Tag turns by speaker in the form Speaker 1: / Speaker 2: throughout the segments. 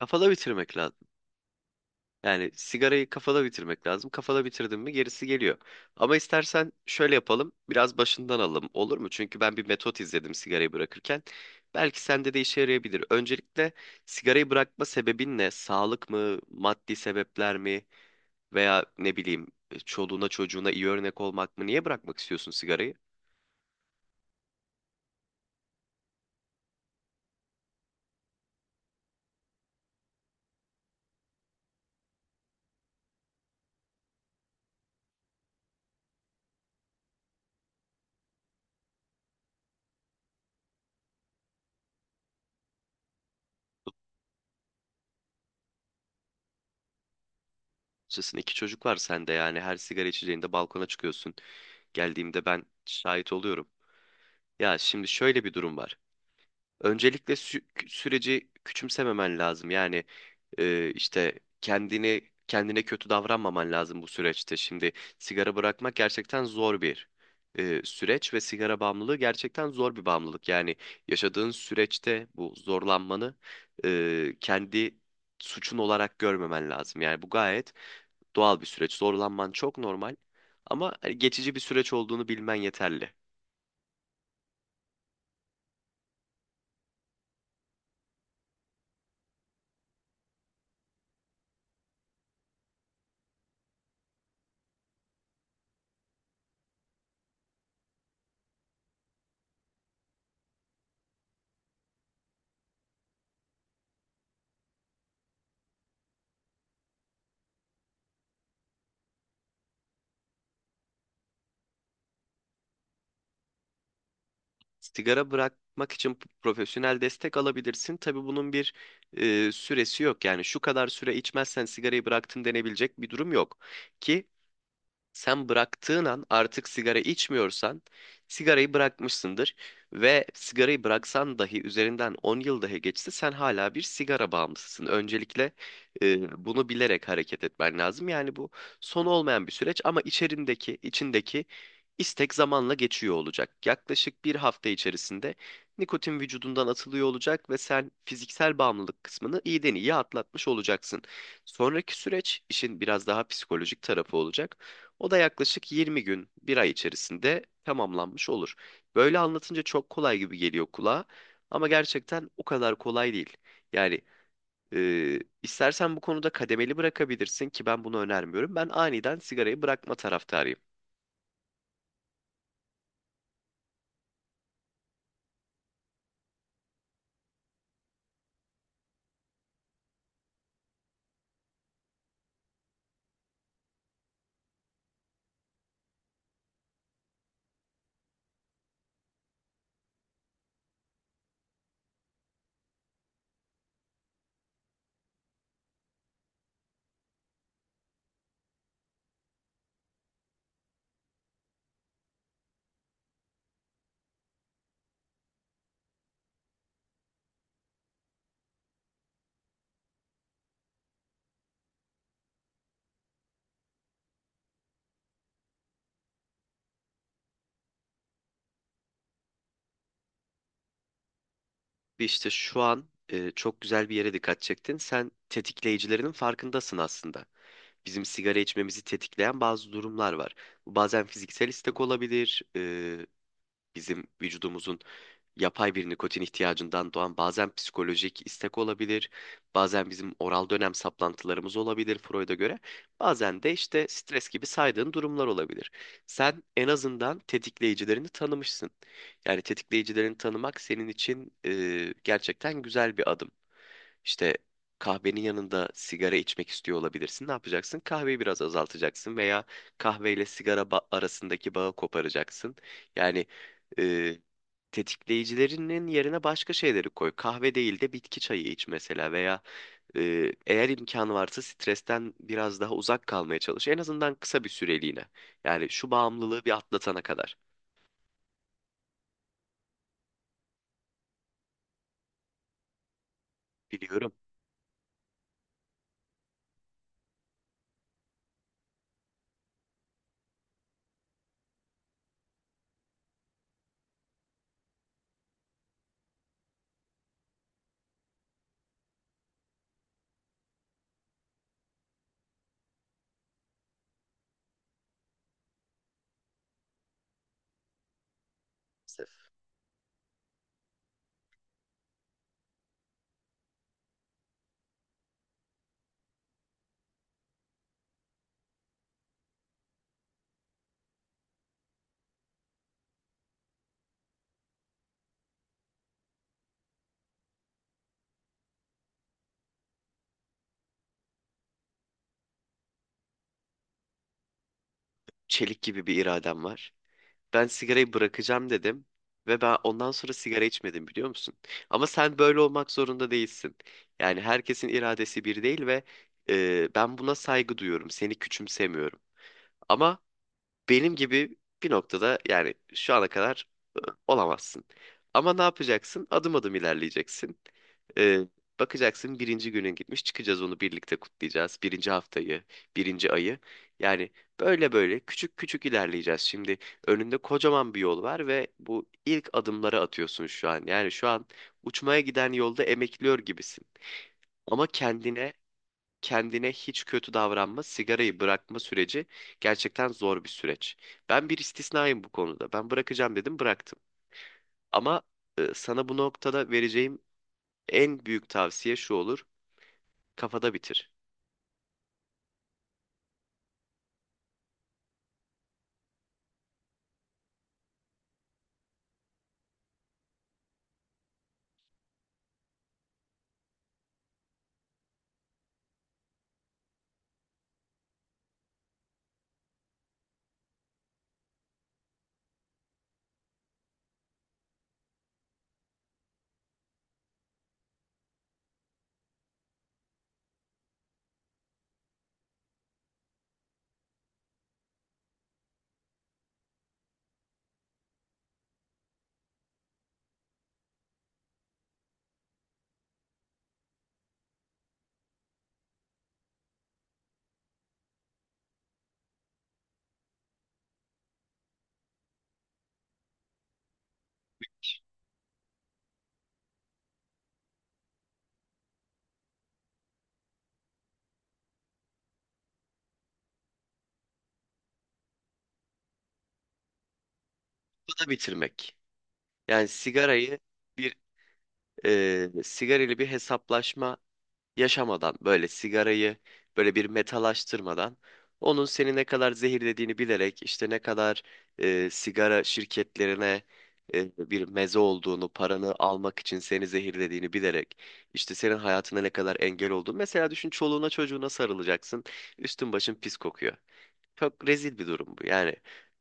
Speaker 1: Kafada bitirmek lazım. Yani sigarayı kafada bitirmek lazım. Kafada bitirdin mi gerisi geliyor. Ama istersen şöyle yapalım. Biraz başından alalım. Olur mu? Çünkü ben bir metot izledim sigarayı bırakırken. Belki sende de işe yarayabilir. Öncelikle sigarayı bırakma sebebin ne? Sağlık mı? Maddi sebepler mi? Veya ne bileyim çoluğuna çocuğuna iyi örnek olmak mı? Niye bırakmak istiyorsun sigarayı? Açıkçası iki çocuk var sende yani. Her sigara içeceğinde balkona çıkıyorsun. Geldiğimde ben şahit oluyorum. Ya şimdi şöyle bir durum var. Öncelikle süreci küçümsememen lazım. Yani işte kendine kötü davranmaman lazım bu süreçte. Şimdi sigara bırakmak gerçekten zor bir süreç ve sigara bağımlılığı gerçekten zor bir bağımlılık. Yani yaşadığın süreçte bu zorlanmanı kendi suçun olarak görmemen lazım. Yani bu gayet doğal bir süreç. Zorlanman çok normal ama hani geçici bir süreç olduğunu bilmen yeterli. Sigara bırakmak için profesyonel destek alabilirsin. Tabii bunun bir süresi yok. Yani şu kadar süre içmezsen sigarayı bıraktım denebilecek bir durum yok. Ki sen bıraktığın an artık sigara içmiyorsan sigarayı bırakmışsındır ve sigarayı bıraksan dahi üzerinden 10 yıl dahi geçse sen hala bir sigara bağımlısısın. Öncelikle bunu bilerek hareket etmen lazım. Yani bu son olmayan bir süreç ama içindeki istek zamanla geçiyor olacak. Yaklaşık bir hafta içerisinde nikotin vücudundan atılıyor olacak ve sen fiziksel bağımlılık kısmını iyiden iyiye atlatmış olacaksın. Sonraki süreç işin biraz daha psikolojik tarafı olacak. O da yaklaşık 20 gün, bir ay içerisinde tamamlanmış olur. Böyle anlatınca çok kolay gibi geliyor kulağa ama gerçekten o kadar kolay değil. Yani istersen bu konuda kademeli bırakabilirsin ki ben bunu önermiyorum. Ben aniden sigarayı bırakma taraftarıyım. İşte şu an çok güzel bir yere dikkat çektin. Sen tetikleyicilerinin farkındasın aslında. Bizim sigara içmemizi tetikleyen bazı durumlar var. Bu bazen fiziksel istek olabilir, bizim vücudumuzun yapay bir nikotin ihtiyacından doğan bazen psikolojik istek olabilir, bazen bizim oral dönem saplantılarımız olabilir Freud'a göre, bazen de işte stres gibi saydığın durumlar olabilir. Sen en azından tetikleyicilerini tanımışsın. Yani tetikleyicilerini tanımak senin için gerçekten güzel bir adım. İşte kahvenin yanında sigara içmek istiyor olabilirsin. Ne yapacaksın? Kahveyi biraz azaltacaksın veya kahveyle sigara arasındaki bağı koparacaksın. Yani e, tetikleyicilerinin yerine başka şeyleri koy. Kahve değil de bitki çayı iç mesela veya eğer imkanı varsa stresten biraz daha uzak kalmaya çalış. En azından kısa bir süreliğine. Yani şu bağımlılığı bir atlatana kadar. Biliyorum. Çelik gibi bir iradem var. Ben sigarayı bırakacağım dedim ve ben ondan sonra sigara içmedim biliyor musun? Ama sen böyle olmak zorunda değilsin. Yani herkesin iradesi bir değil ve ben buna saygı duyuyorum. Seni küçümsemiyorum. Ama benim gibi bir noktada yani şu ana kadar ı, olamazsın. Ama ne yapacaksın? Adım adım ilerleyeceksin. Ee, Bakacaksın birinci günün gitmiş. Çıkacağız onu birlikte kutlayacağız. Birinci haftayı, birinci ayı. Yani böyle böyle küçük küçük ilerleyeceğiz. Şimdi önünde kocaman bir yol var ve bu ilk adımları atıyorsun şu an. Yani şu an uçmaya giden yolda emekliyor gibisin. Ama kendine hiç kötü davranma, sigarayı bırakma süreci gerçekten zor bir süreç. Ben bir istisnayım bu konuda. Ben bırakacağım dedim, bıraktım. Ama sana bu noktada vereceğim en büyük tavsiye şu olur. Kafada bitir. Kafada bitirmek. Yani sigarayı bir sigarayla bir hesaplaşma yaşamadan böyle sigarayı böyle bir metalaştırmadan onun seni ne kadar zehirlediğini bilerek işte ne kadar sigara şirketlerine bir meze olduğunu paranı almak için seni zehirlediğini bilerek işte senin hayatına ne kadar engel olduğunu mesela düşün çoluğuna çocuğuna sarılacaksın üstün başın pis kokuyor. Çok rezil bir durum bu. Yani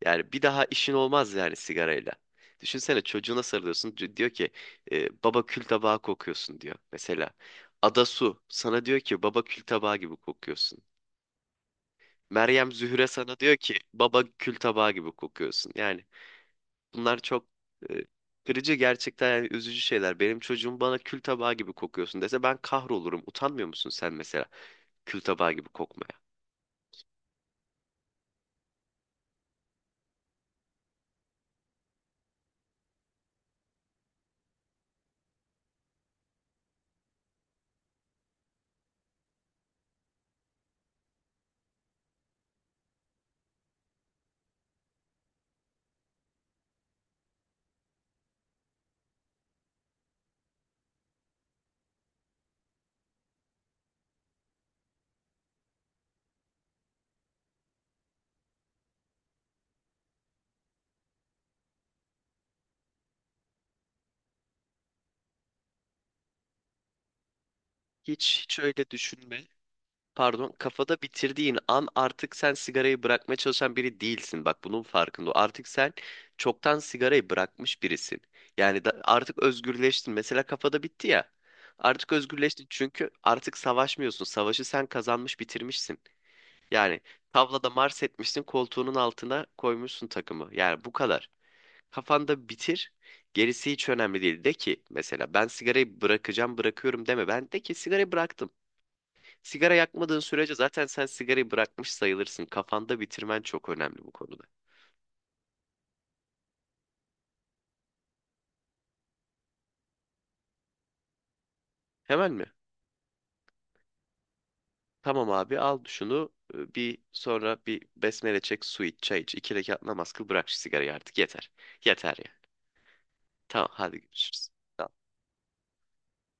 Speaker 1: yani bir daha işin olmaz yani sigarayla. Düşünsene çocuğuna sarılıyorsun. Diyor ki baba kül tabağı kokuyorsun diyor. Mesela Adasu sana diyor ki baba kül tabağı gibi kokuyorsun. Meryem Zühre sana diyor ki baba kül tabağı gibi kokuyorsun. Yani bunlar çok e, kırıcı gerçekten yani üzücü şeyler. Benim çocuğum bana kül tabağı gibi kokuyorsun dese ben kahrolurum. Utanmıyor musun sen mesela kül tabağı gibi kokmaya? Hiç öyle düşünme. Pardon, kafada bitirdiğin an artık sen sigarayı bırakmaya çalışan biri değilsin. Bak bunun farkında ol. Artık sen çoktan sigarayı bırakmış birisin. Artık özgürleştin. Mesela kafada bitti ya. Artık özgürleştin çünkü artık savaşmıyorsun. Savaşı sen kazanmış bitirmişsin. Yani tavlada mars etmişsin koltuğunun altına koymuşsun takımı. Yani bu kadar. Kafanda bitir. Gerisi hiç önemli değil. De ki mesela ben sigarayı bırakacağım bırakıyorum deme. Ben de ki sigarayı bıraktım. Sigara yakmadığın sürece zaten sen sigarayı bırakmış sayılırsın. Kafanda bitirmen çok önemli bu konuda. Hemen mi? Tamam abi, al şunu, bir sonra bir besmele çek, su iç, çay iç. İki rekat namaz kıl, bırak şu sigarayı artık, yeter. Yeter ya. Tamam, hadi görüşürüz. Tamam.